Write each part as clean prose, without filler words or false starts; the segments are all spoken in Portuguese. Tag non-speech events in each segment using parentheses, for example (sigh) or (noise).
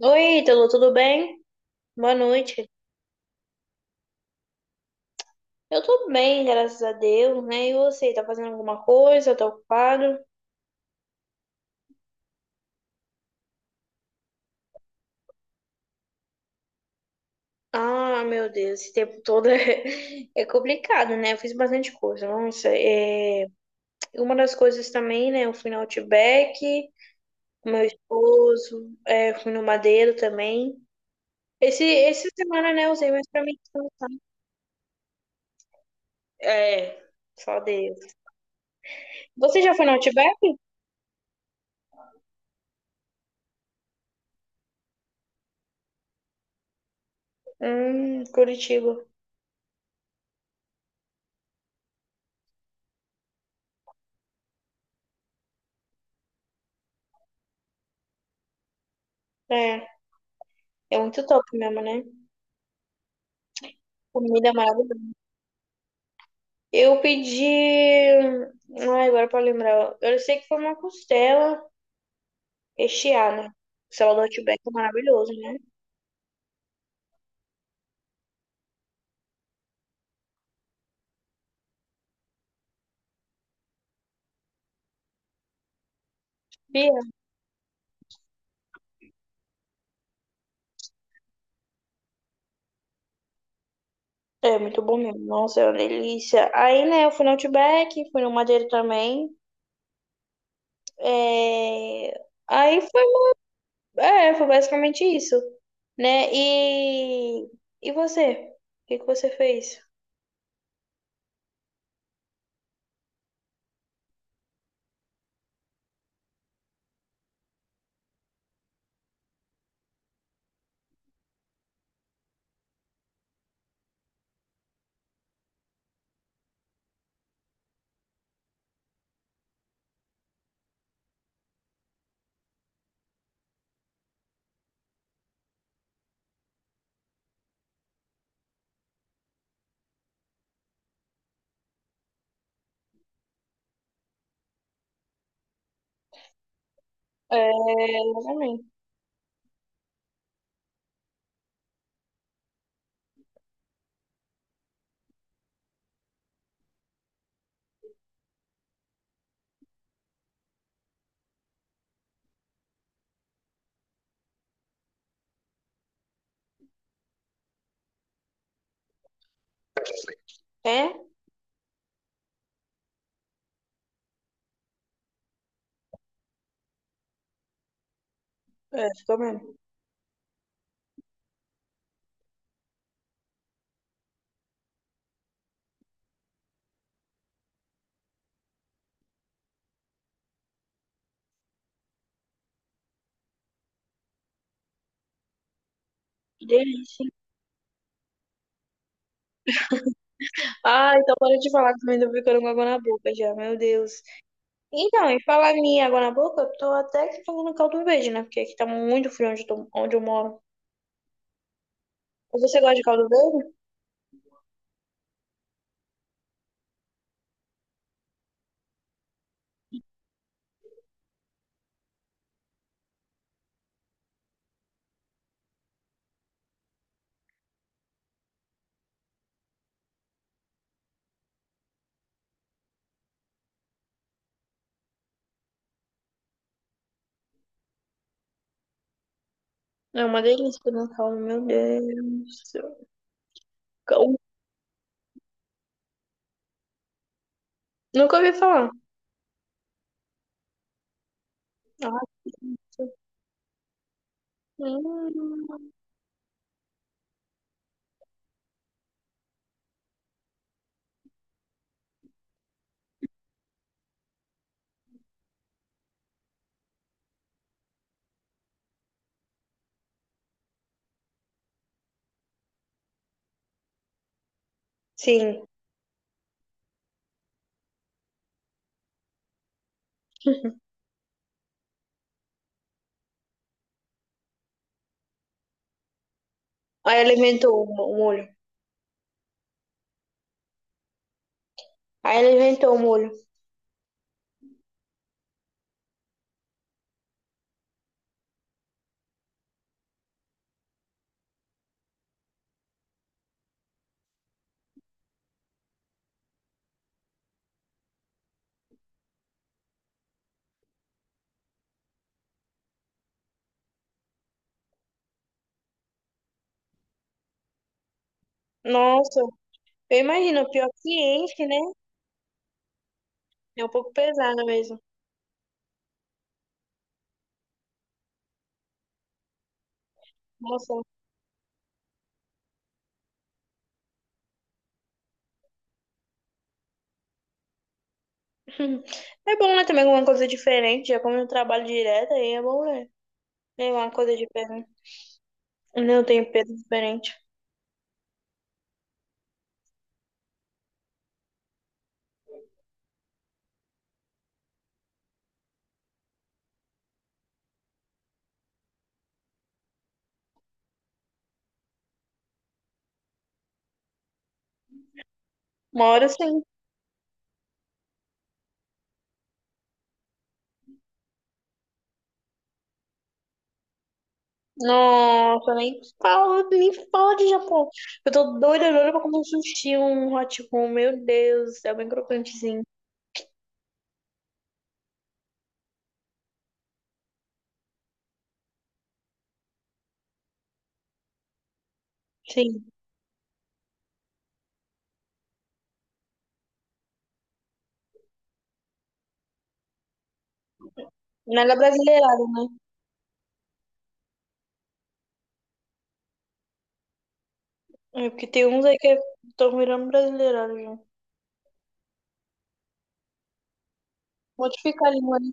Oi, Ítalo, tudo bem? Boa noite. Eu tô bem, graças a Deus, né? E você, tá fazendo alguma coisa? Tá ocupado? Ah, meu Deus, esse tempo todo (laughs) é complicado, né? Eu fiz bastante coisa. Nossa, é... uma das coisas também, né? Eu fui no Outback, com meu esposo, é, fui no Madeiro também. Essa semana, né, eu usei mais pra mim. É, só Deus. Você já foi no Outback? Curitiba. É, é muito top mesmo, né? Comida maravilhosa. Eu pedi. Ai, agora pra lembrar. Eu sei que foi uma costela recheada. Costela do Outback é maravilhoso, né? Bia? É muito bom mesmo. Nossa, é uma delícia. Aí, né, eu fui no Outback, fui no Madeiro também. É... Aí foi. É, foi basicamente isso. Né? E. E você? O que que você fez? É, eu também. É? É, ficou mesmo. Que delícia. Ah, então para de falar que também tô ficando com água na boca já. Meu Deus. Então, e falar minha água na boca, eu tô até que fazendo caldo verde, né? Porque aqui tá muito frio onde onde eu moro. Você gosta de caldo verde? É uma delícia no caldo, meu Deus do céu. Cal- Nunca ouvi falar. Nossa. Hum. Sim. (laughs) Aí ela inventou o molho. Aí ela inventou o molho. Nossa, eu imagino, pior é que enche, né? É um pouco pesado mesmo. Nossa. (laughs) É bom, né? Também alguma coisa diferente. Já como eu trabalho direto, aí é bom, né? É uma coisa diferente. Eu tenho peso diferente. Uma hora sim. Nossa, nem fala, nem fala de Japão. Eu tô doida, doida pra comer um sushi, um hot roll. Meu Deus, do céu, bem crocantezinho. Sim, nada brasileirado. É porque tem uns aí que estão virando brasileirado já. Modificar a língua, né?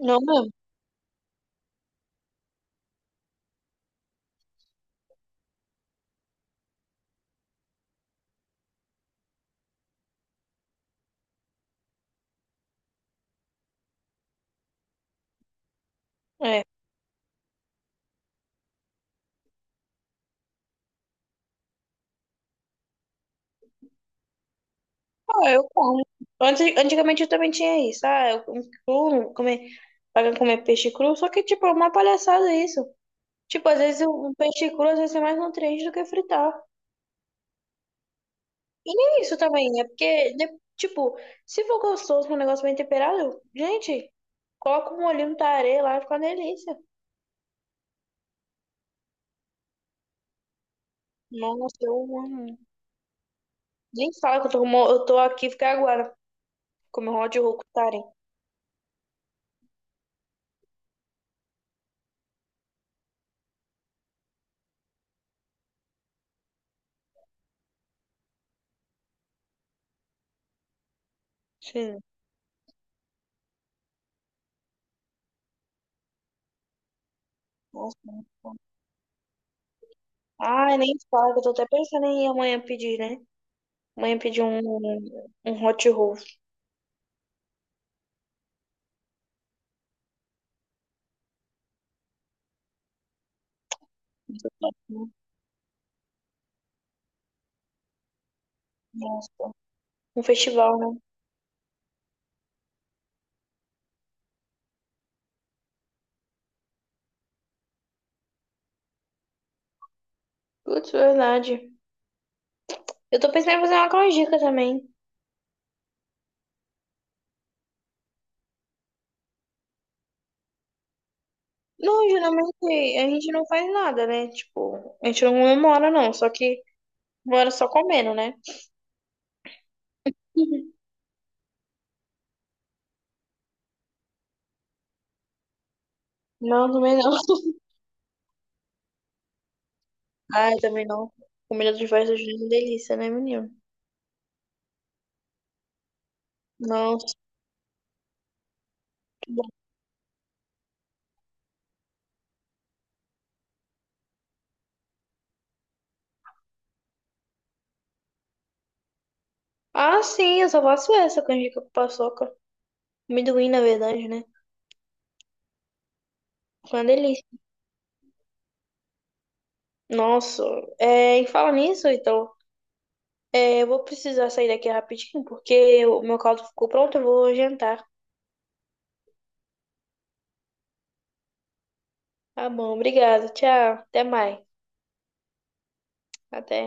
Não mesmo? É. Ah, eu como. Antes, antigamente eu também tinha isso. Ah, eu como cru, comer, pra comer peixe cru. Só que, tipo, é uma palhaçada isso. Tipo, às vezes o peixe cru às vezes é mais nutriente do que fritar. E nem isso também, é porque, de- tipo, se for gostoso com um negócio bem temperado, gente, coloca um molhinho no tarê lá e fica uma delícia. Nossa, eu amo. Nem fala que eu eu tô aqui ficar agora, comer um hot roll com tarê. Sim, nossa, muito bom. Ai, nem fala que eu tô até pensando em ir amanhã pedir, né? Amanhã pedir um, um hot roll. Nossa, um festival, né? Putz, verdade. Eu tô pensando em fazer uma canjica também. Não, geralmente a gente não faz nada, né? Tipo, a gente não comemora, não. Só que mora só comendo, né? (laughs) Não, também não. (laughs) Ai, também não. Comida de festa junina é uma delícia, né, menino? Nossa, que bom. Ah, sim, eu só faço essa canjica com paçoca. Amendoim, na verdade, né? Fica uma delícia. Nossa, é, e fala nisso, então. É, eu vou precisar sair daqui rapidinho, porque o meu caldo ficou pronto, eu vou jantar. Tá bom, obrigada. Tchau. Até mais. Até.